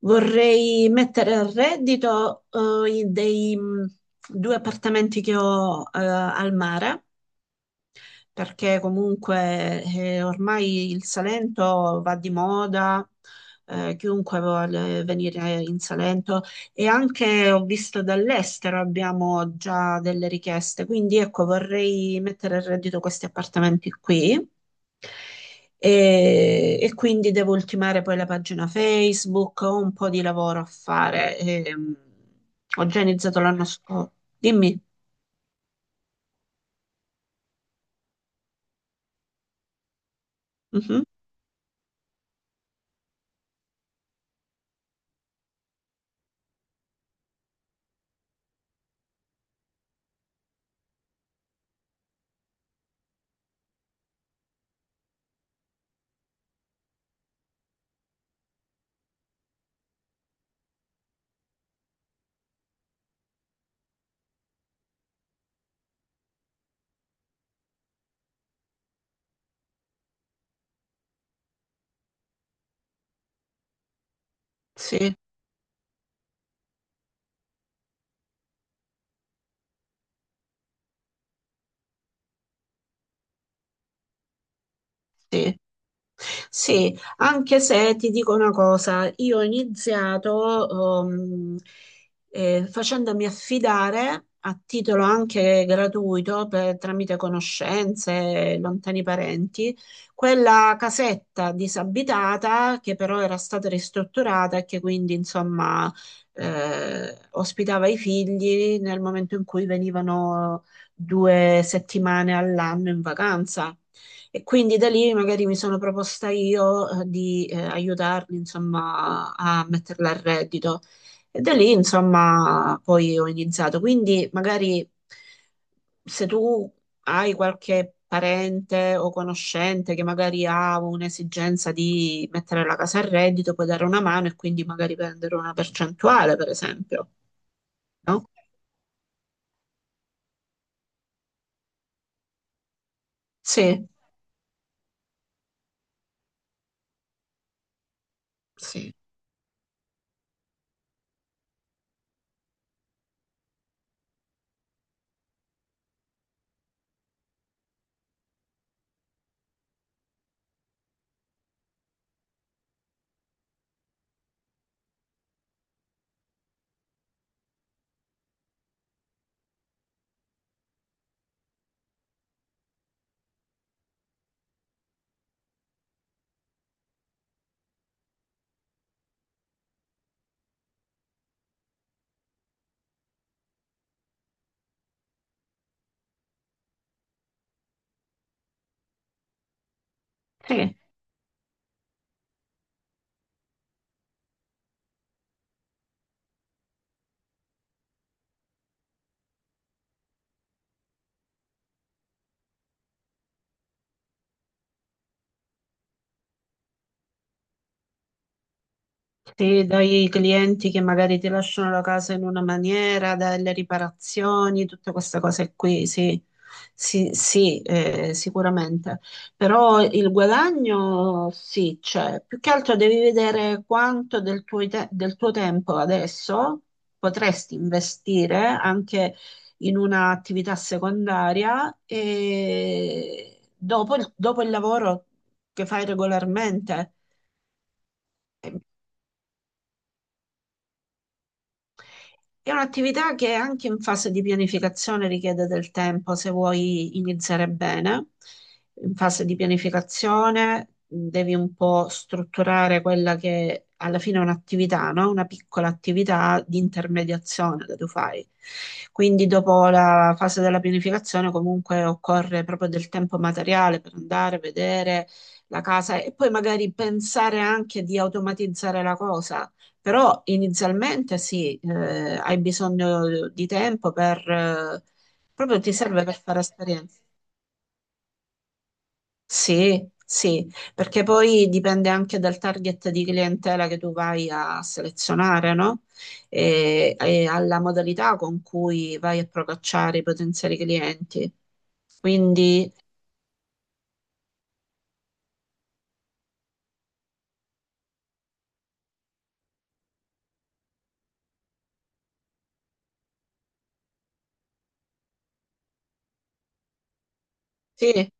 Vorrei mettere a reddito, i- dei due appartamenti che ho, al mare perché comunque ormai il Salento va di moda, chiunque vuole venire in Salento e anche ho visto dall'estero abbiamo già delle richieste, quindi ecco vorrei mettere a reddito questi appartamenti qui. E quindi devo ultimare poi la pagina Facebook, ho un po' di lavoro a fare. Ho già iniziato l'anno scorso. Dimmi. Mhm. Sì, sì. Sì, anche se ti dico una cosa, io ho iniziato facendomi affidare a titolo anche gratuito tramite conoscenze, lontani parenti, quella casetta disabitata che però era stata ristrutturata e che quindi insomma ospitava i figli nel momento in cui venivano due settimane all'anno in vacanza. E quindi da lì magari mi sono proposta io, di aiutarli, insomma, a metterla a reddito. E da lì, insomma, poi ho iniziato. Quindi magari se tu hai qualche parente o conoscente che magari ha un'esigenza di mettere la casa a reddito, puoi dare una mano e quindi magari prendere una percentuale, per esempio, no? Sì, sì, sì. Sì, dai clienti che magari ti lasciano la casa in una maniera, dalle riparazioni, tutte queste cose qui, sì, sì, sì, sicuramente. Però il guadagno sì, c'è. Più che altro devi vedere quanto del del tuo tempo adesso potresti investire anche in un'attività secondaria e dopo il lavoro che fai regolarmente. È un'attività che anche in fase di pianificazione richiede del tempo se vuoi iniziare bene. In fase di pianificazione devi un po' strutturare quella che alla fine è un'attività, no? Una piccola attività di intermediazione che tu fai. Quindi dopo la fase della pianificazione comunque occorre proprio del tempo materiale per andare a vedere la casa e poi magari pensare anche di automatizzare la cosa però inizialmente sì, hai bisogno di tempo proprio ti serve per fare esperienza. Sì, sì, perché poi dipende anche dal target di clientela che tu vai a selezionare, no? E alla modalità con cui vai a procacciare i potenziali clienti. Quindi sì.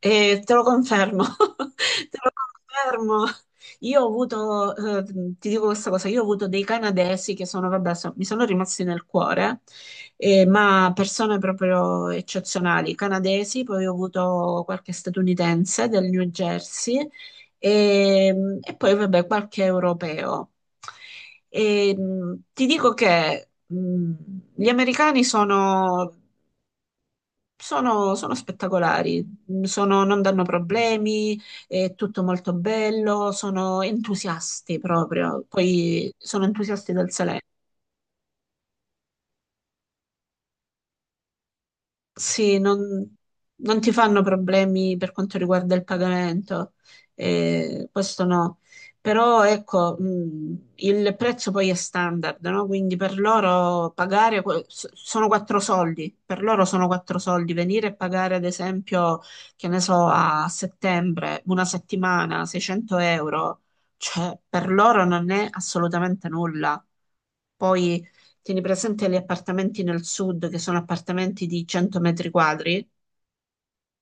Te lo confermo, te lo confermo. Io ho avuto, ti dico questa cosa, io ho avuto dei canadesi che sono, vabbè, mi sono rimasti nel cuore, ma persone proprio eccezionali, canadesi, poi ho avuto qualche statunitense del New Jersey e, e poi, vabbè, qualche europeo. Ti dico che gli americani sono spettacolari, non danno problemi, è tutto molto bello, sono entusiasti proprio, poi sono entusiasti del Salento. Sì, non, non ti fanno problemi per quanto riguarda il pagamento, questo no. Però ecco, il prezzo poi è standard, no? Quindi per loro pagare sono quattro soldi, per loro sono quattro soldi. Venire e pagare, ad esempio, che ne so, a settembre, una settimana, 600 euro, cioè per loro non è assolutamente nulla. Poi tieni presente gli appartamenti nel sud, che sono appartamenti di 100 metri quadri,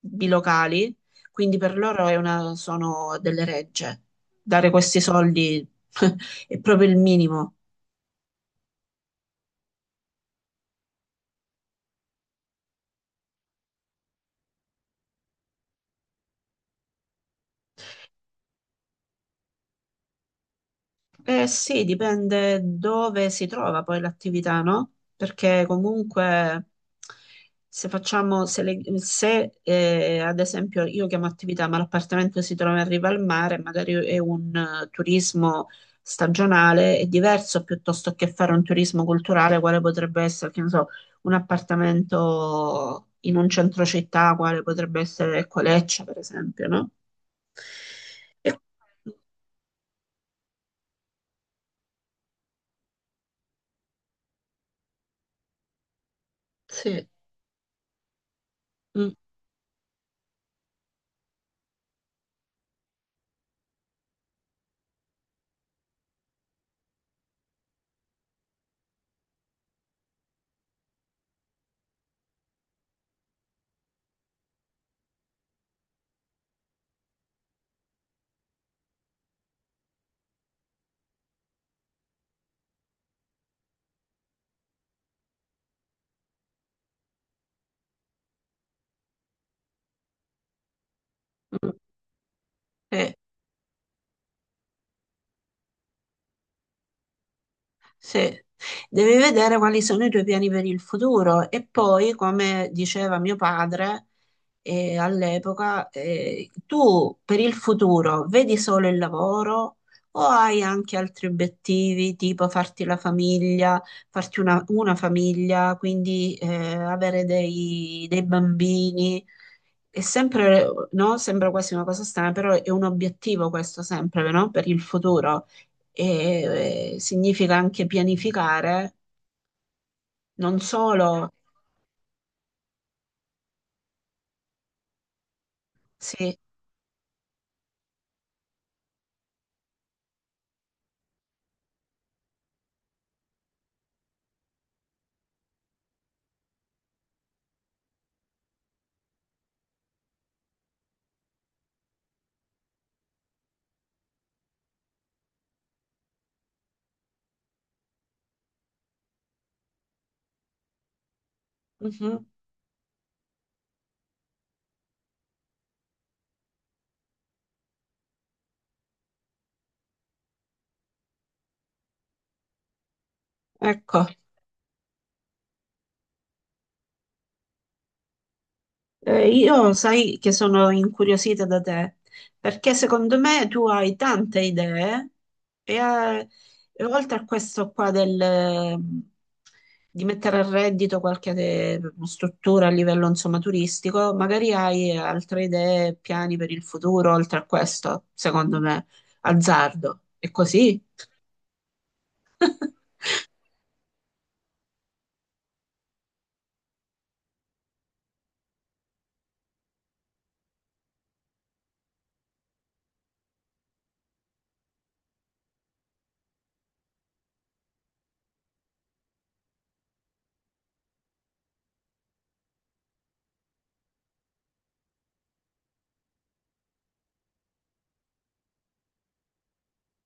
bilocali, quindi per loro sono delle regge. Dare questi soldi è proprio il minimo. Eh sì, dipende dove si trova poi l'attività, no? Perché comunque se facciamo, se, le- se, ad esempio io chiamo attività, ma l'appartamento si trova in riva al mare, magari è un turismo stagionale, è diverso piuttosto che fare un turismo culturale, quale potrebbe essere, che ne so, un appartamento in un centro città, quale potrebbe essere Coleccia, per esempio, no? E- Sì. Mm, mm. Eh, sì, devi vedere quali sono i tuoi piani per il futuro e poi, come diceva mio padre, all'epoca, tu per il futuro vedi solo il lavoro o hai anche altri obiettivi, tipo farti la famiglia, farti una famiglia, quindi avere dei, dei bambini? È sempre, no? Sembra quasi una cosa strana, però è un obiettivo questo sempre, no? Per il futuro. Significa anche pianificare, non solo, sì, mhm, ecco. Io sai che sono incuriosita da te, perché secondo me tu hai tante idee e, eh, e oltre a questo qua di mettere a reddito qualche struttura a livello insomma turistico, magari hai altre idee, piani per il futuro, oltre a questo, secondo me, azzardo. È così?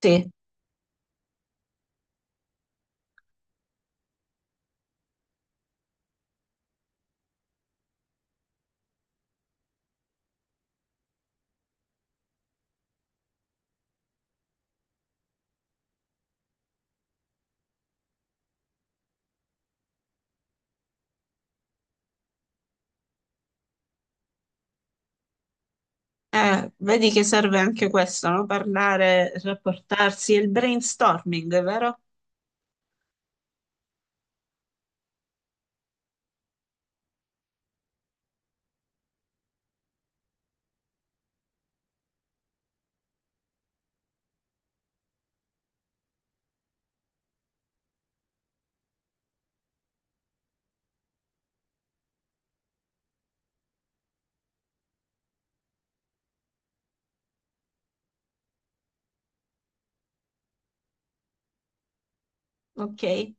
Sì, vedi che serve anche questo, no? Parlare, rapportarsi, il brainstorming, vero? Ok.